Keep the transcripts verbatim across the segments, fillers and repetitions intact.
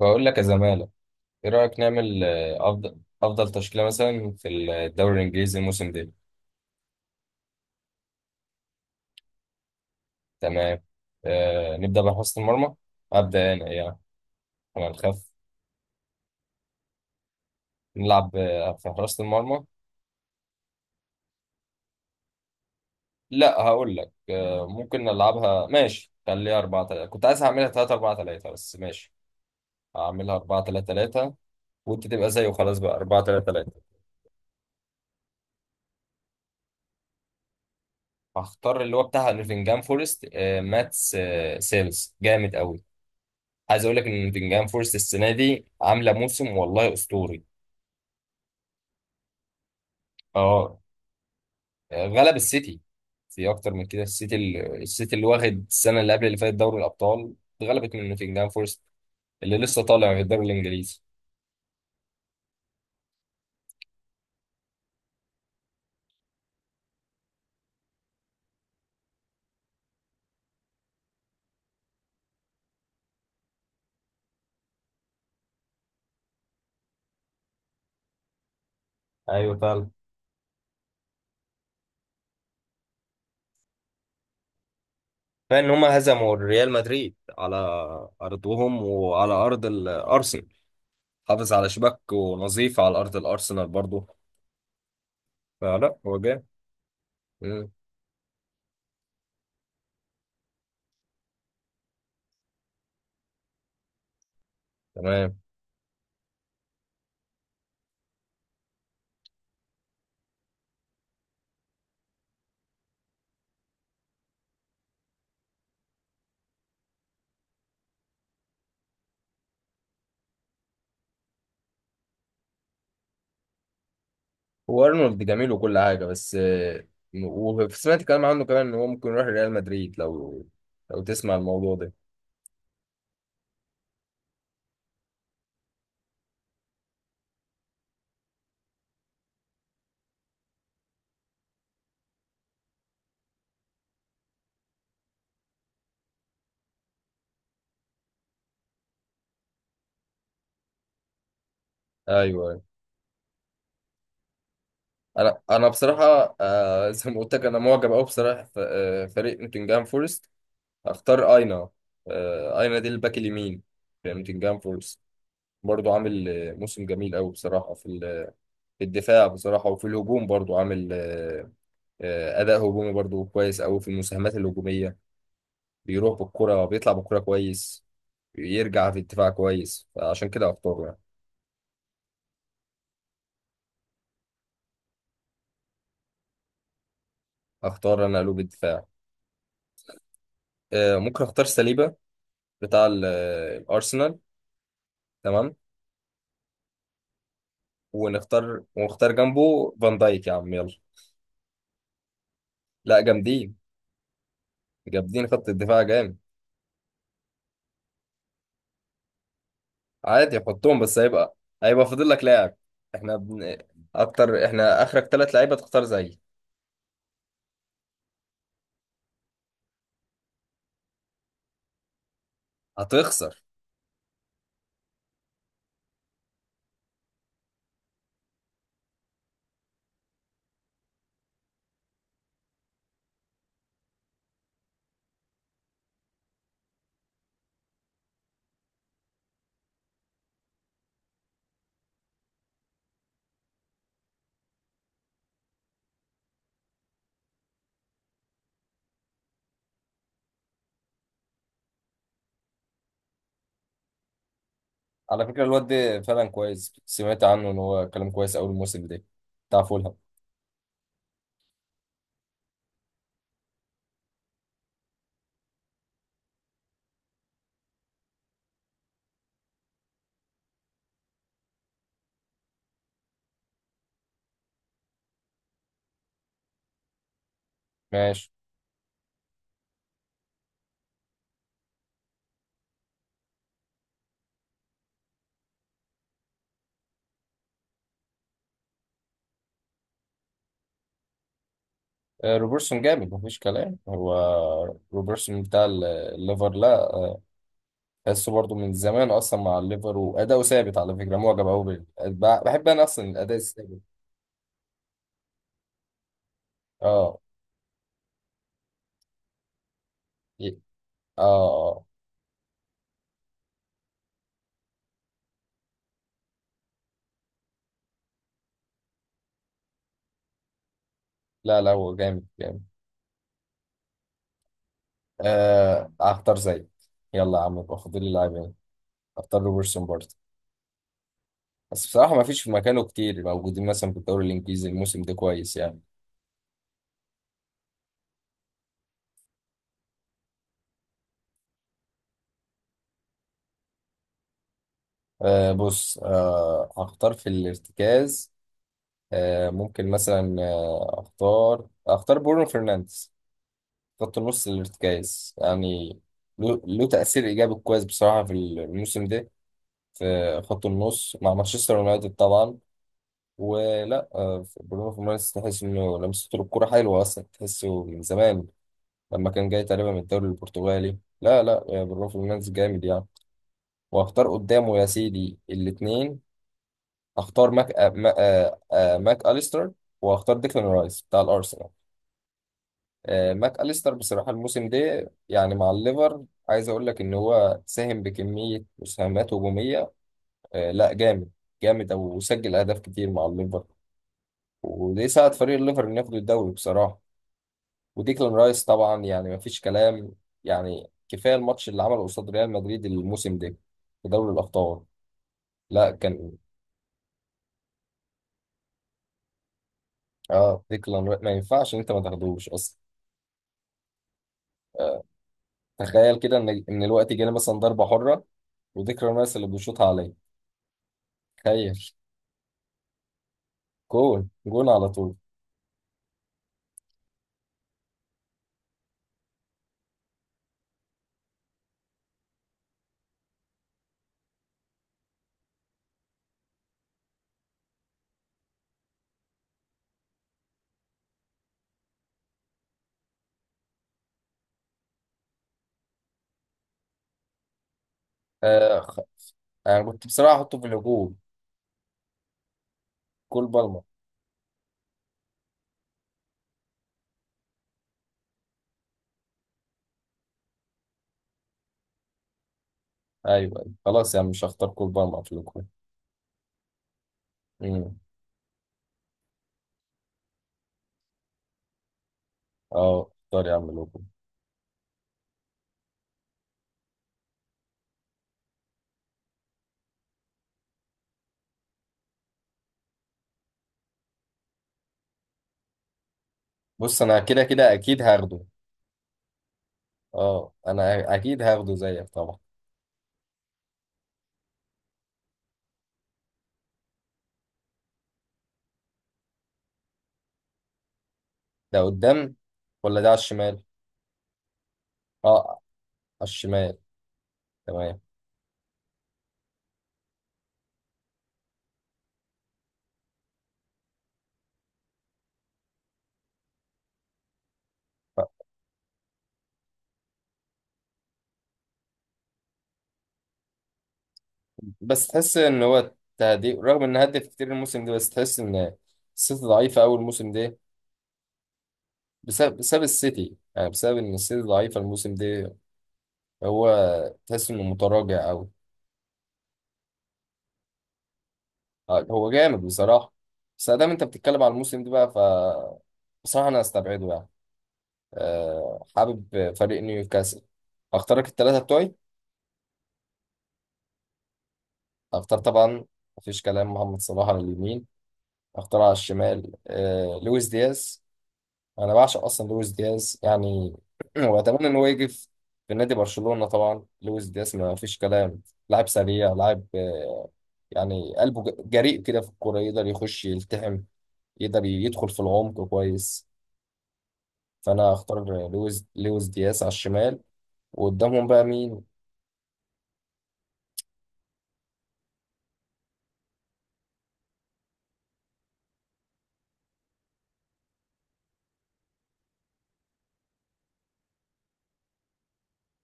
بقول لك يا زمالة، ايه رأيك نعمل آه، افضل افضل تشكيلة مثلا في الدوري الانجليزي الموسم ده؟ تمام. آه نبدأ بحراسة المرمى. ابدأ انا يعني. انا نخاف نلعب آه، في حراسة المرمى. لا، هقول لك آه ممكن نلعبها ماشي. خليها أربعة تلاتة. كنت عايز اعملها تلاتة أربعة تلاتة بس ماشي، هعملها أربعة ثلاثة ثلاثة. وانت تبقى زيه وخلاص، بقى أربعة ثلاثة ثلاثة. هختار اللي هو بتاع نوتنجهام فورست، آه ماتس آه سيلز. جامد قوي. عايز اقول لك ان نوتنجهام فورست السنه دي عامله موسم والله اسطوري. اه، غلب السيتي. في اكتر من كده، السيتي ال- السيتي اللي واخد السنه اللي قبل اللي فاتت دوري الابطال، اتغلبت من نوتنجهام فورست اللي لسه طالع من الدوري الانجليزي. ايوه فعلا. فان هم هزموا ريال مدريد على ارضهم وعلى ارض الارسنال. حافظ على شباك ونظيف على ارض الارسنال برضه، فلا هو جامد. مم. تمام. هو ارنولد جميل وكل حاجه، بس آه، وسمعت كلام عنه كمان ان هو ممكن يروح ريال مدريد، لو لو تسمع الموضوع ده. ايوه، أيوه. انا انا بصراحه، آه، زي ما قلت لك انا معجب قوي بصراحه ف- آه، فريق نوتنجهام فورست. اختار اينا. آه، اينا دي الباك اليمين في نوتنجهام فورست. برضو عامل آه، موسم جميل قوي بصراحه في ال- في الدفاع بصراحه، وفي الهجوم برضو عامل آه، آه، اداء هجومي برضو كويس قوي في المساهمات الهجوميه. بيروح بالكرة، بيطلع بالكرة كويس، يرجع في الدفاع كويس، فعشان كده اختاره يعني. اختار انا قلوب الدفاع. آه، ممكن اختار سليبة بتاع ال- آه، الارسنال. تمام. ونختار ونختار جنبه فان دايك يا عم يلا. لا، جامدين جامدين خط الدفاع جامد. عادي، حطهم بس هيبقى هيبقى فاضل لك لاعب. احنا بن... اكتر، احنا اخرك ثلاث لعيبه تختار زيي، هتخسر. على فكره، الواد ده فعلا كويس، سمعت عنه ان هو كلام كويس اول الموسم ده. بتاع فولهام. ماشي. آه، روبرتسون جامد مفيش كلام. هو روبرتسون بتاع ال- الليفر. لا، تحسه برضو من زمان اصلا مع الليفر، واداؤه ثابت. على فكره معجب قوي بال- ب- بحب انا اصلا الاداء الثابت. اه، ي- اه، اه. لا لا هو جامد جامد. آه اختار زي. يلا يا عم، يبقى فاضل لي لاعبين. اختار روبرتسون برضه، بس بصراحه ما فيش في مكانه كتير موجودين مثلا في الدوري الانجليزي الموسم ده كويس يعني. آه بص، آه هختار في الارتكاز. آه، ممكن مثلا آه، اختار اختار برونو فرنانديز. خط النص الارتكاز يعني. له له تأثير إيجابي كويس بصراحة في الموسم ده في خط النص مع مانشستر يونايتد طبعا. ولا آه، برونو فرنانديز تحس إنه لمسته الكرة حلوة أصلا، تحسه من زمان لما كان جاي تقريبا من الدوري البرتغالي. لا لا، آه، برونو فرنانديز جامد يعني. واختار قدامه يا سيدي الاتنين. اختار ماك آه، ما- آه، آه، ماك أليستر واختار ديكلان رايس بتاع الأرسنال. آه، ماك أليستر بصراحة الموسم ده يعني مع الليفر، عايز أقول لك إن هو ساهم بكمية مساهمات هجومية. آه، لا جامد جامد، أو وسجل أهداف كتير مع الليفر. وده ساعد فريق الليفر إنه ياخد الدوري بصراحة. وديكلان رايس طبعا يعني مفيش كلام. يعني كفاية الماتش اللي عمله قصاد ريال مدريد الموسم ده في دوري الأبطال. لا كان. اه، ديكلان رايس ما ينفعش إن أنت ما تاخدوش أصلا. آه، تخيل كده إن إن الوقت جالي مثلا ضربة حرة، وديكلان رايس اللي بيشوطها عليه. تخيل. جون جون على طول. آه خ... انا كنت بصراحه احطه في الهجوم. كول بالمر. ايوه أيوة. خلاص يا عم، مش هختار كول بالمر في الهجوم. امم اه، اختار يا عم الهجوم. بص، انا كده كده اكيد هاخده. اه، انا اكيد هاخده زيك طبعا. ده قدام ولا ده على الشمال؟ اه، على الشمال. تمام. بس تحس ان هو تهديف رغم ان هدف كتير الموسم ده، بس تحس ان السيتي ضعيفه اول الموسم ده. بسبب بسبب السيتي، يعني بسبب ان السيتي ضعيفه الموسم ده. هو تحس انه متراجع قوي. آه، هو جامد بصراحة، بس ادام انت بتتكلم على الموسم ده بقى ف، بصراحة انا هستبعده يعني. أه، حابب فريق نيوكاسل. اختارك الثلاثة بتوعي. اختار طبعا. مفيش كلام محمد صلاح على اليمين. اختار على الشمال أه لويس دياز. انا بعشق اصلا لويس دياز يعني واتمنى ان هو يجي في في نادي برشلونة طبعا. لويس دياز ما فيش كلام. لاعب سريع، لاعب آه، يعني قلبه ج- جريء كده في الكورة. يقدر يخش يلتحم. يقدر يدخل في العمق كويس، فانا هختار لويس لويس دياس على الشمال. وقدامهم بقى مين؟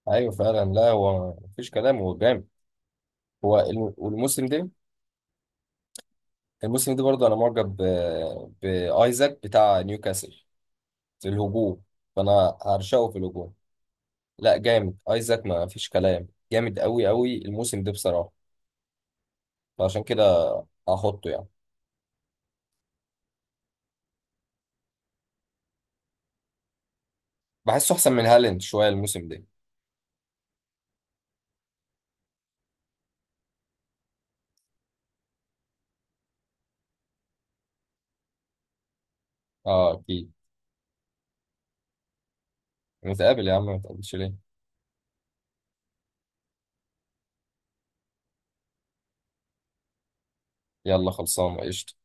ايوه فعلا. لا هو مفيش كلام هو جامد. هو الم- والموسم ده، الموسم ده برضه انا معجب ب- بايزاك بتاع نيوكاسل في الهجوم، فانا هرشقه في الهجوم. لا جامد ايزاك ما فيش كلام. جامد قوي قوي الموسم ده بصراحه، فعشان كده هحطه يعني. بحسه احسن من هالاند شويه الموسم ده. اه اكيد. نتقابل يا عم، ما تقابلش ليه؟ يلا خلصانه قشطه.